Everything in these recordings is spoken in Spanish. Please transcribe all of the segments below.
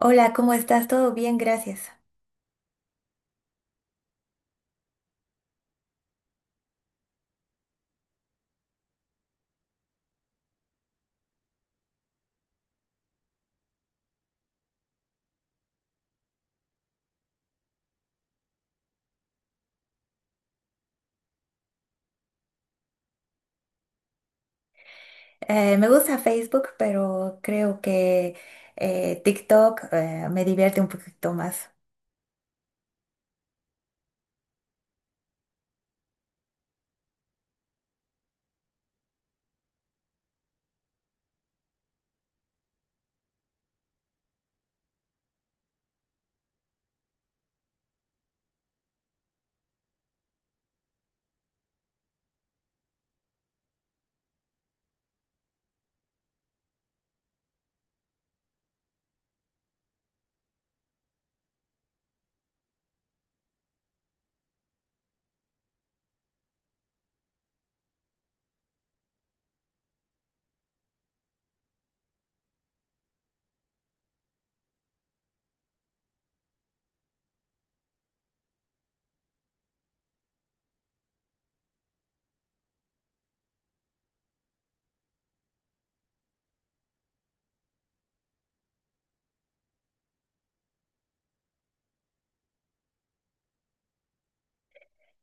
Hola, ¿cómo estás? Todo bien, gracias. Me gusta Facebook, pero creo que TikTok me divierte un poquito más.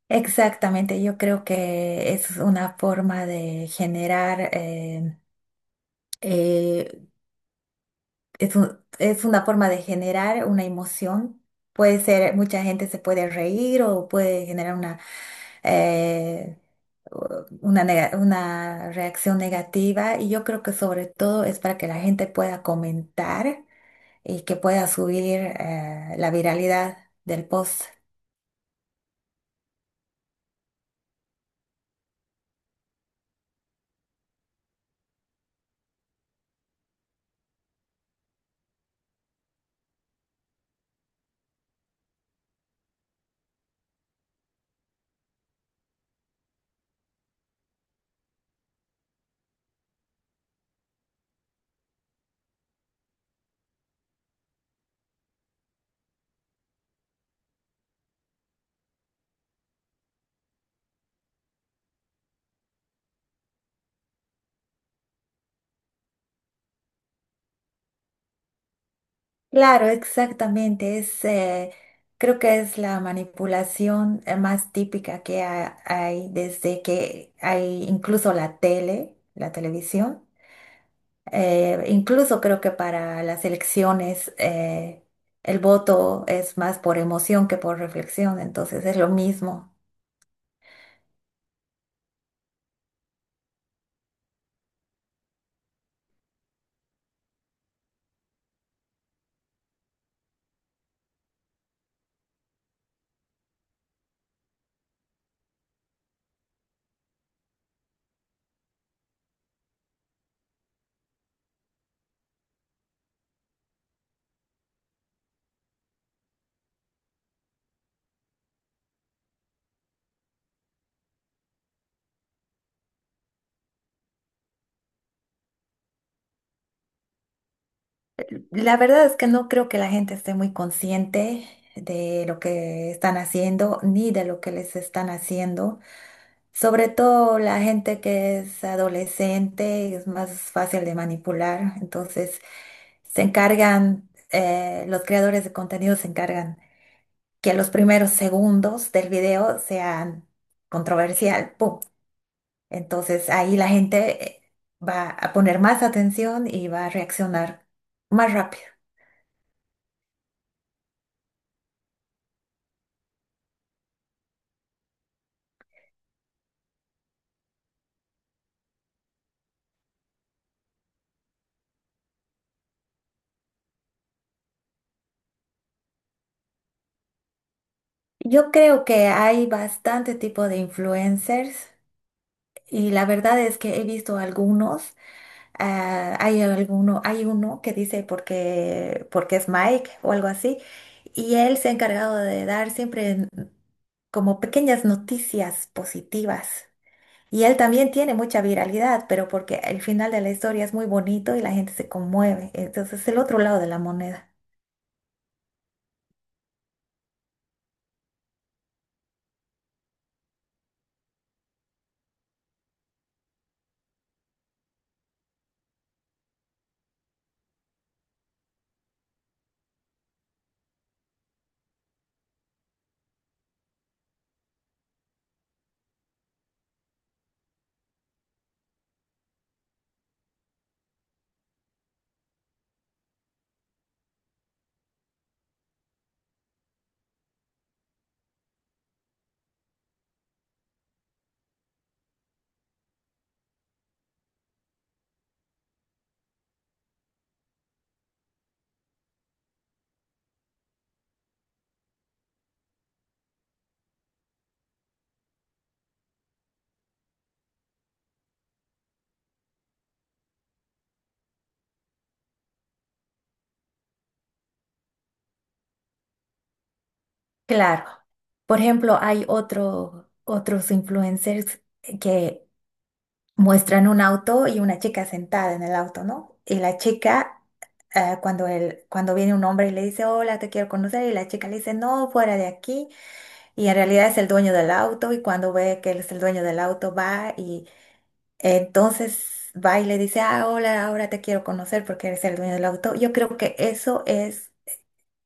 Exactamente, yo creo que es una forma de generar, eh, es una forma de generar una emoción. Puede ser, mucha gente se puede reír o puede generar eh, una, una reacción negativa y yo creo que sobre todo es para que la gente pueda comentar y que pueda subir la viralidad del post. Claro, exactamente. Es, creo que es la manipulación más típica que hay desde que hay incluso la tele, la televisión. Incluso creo que para las elecciones el voto es más por emoción que por reflexión, entonces es lo mismo. La verdad es que no creo que la gente esté muy consciente de lo que están haciendo ni de lo que les están haciendo. Sobre todo la gente que es adolescente es más fácil de manipular, entonces se encargan, los creadores de contenido se encargan que los primeros segundos del video sean controversial, ¡pum! Entonces ahí la gente va a poner más atención y va a reaccionar más rápido. Yo creo que hay bastante tipo de influencers y la verdad es que he visto algunos. Ah, hay alguno, hay uno que dice porque, porque es Mike o algo así, y él se ha encargado de dar siempre como pequeñas noticias positivas. Y él también tiene mucha viralidad, pero porque el final de la historia es muy bonito y la gente se conmueve. Entonces es el otro lado de la moneda. Claro. Por ejemplo, hay otro, otros influencers que muestran un auto y una chica sentada en el auto, ¿no? Y la chica, cuando, él, cuando viene un hombre y le dice, hola, te quiero conocer, y la chica le dice, no, fuera de aquí. Y en realidad es el dueño del auto y cuando ve que él es el dueño del auto va y entonces va y le dice, ah, hola, ahora te quiero conocer porque eres el dueño del auto. Yo creo que eso es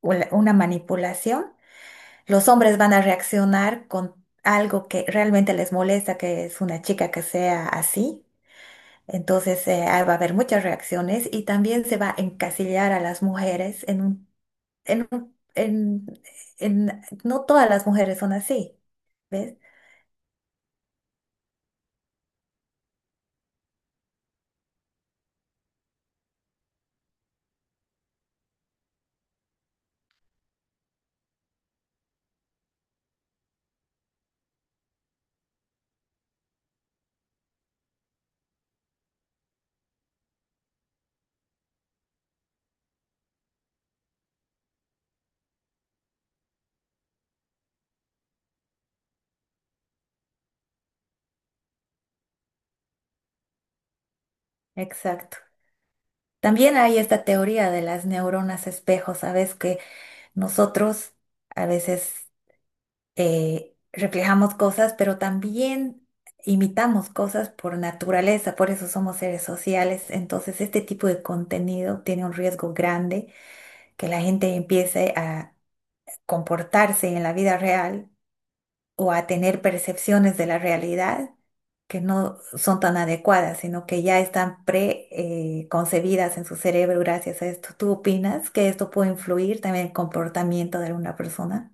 una manipulación. Los hombres van a reaccionar con algo que realmente les molesta, que es una chica que sea así. Entonces ahí va a haber muchas reacciones y también se va a encasillar a las mujeres en un, en un- en, en- no todas las mujeres son así, ¿ves? Exacto. También hay esta teoría de las neuronas espejo, ¿sabes? Que nosotros a veces reflejamos cosas, pero también imitamos cosas por naturaleza, por eso somos seres sociales. Entonces, este tipo de contenido tiene un riesgo grande que la gente empiece a comportarse en la vida real o a tener percepciones de la realidad que no son tan adecuadas, sino que ya están preconcebidas en su cerebro gracias a esto. ¿Tú opinas que esto puede influir también en el comportamiento de alguna persona?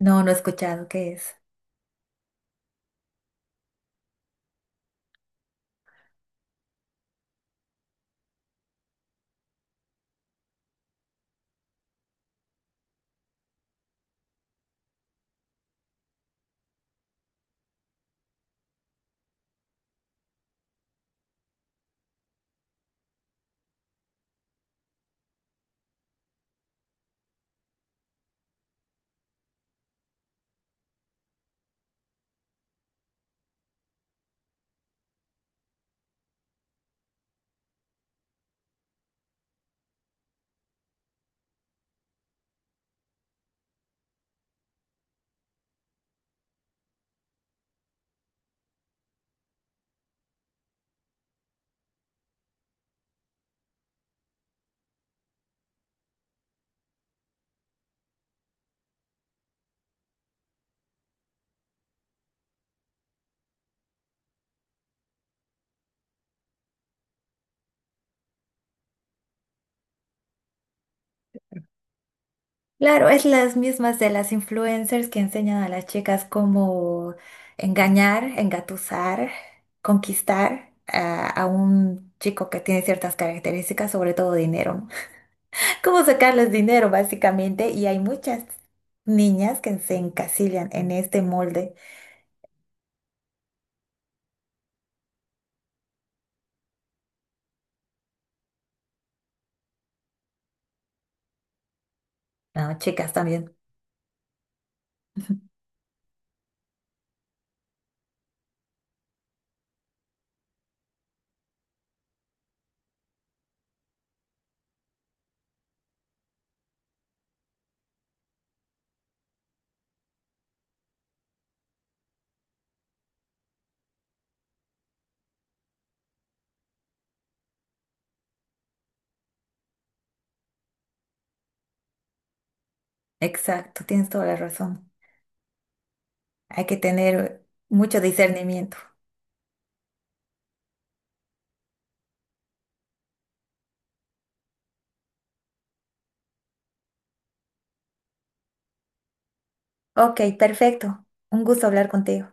No, no he escuchado qué es. Claro, es las mismas de las influencers que enseñan a las chicas cómo engañar, engatusar, conquistar a un chico que tiene ciertas características, sobre todo dinero, ¿no? Cómo sacarles dinero, básicamente. Y hay muchas niñas que se encasillan en este molde. No, chicas también. Exacto, tienes toda la razón. Hay que tener mucho discernimiento. Ok, perfecto. Un gusto hablar contigo.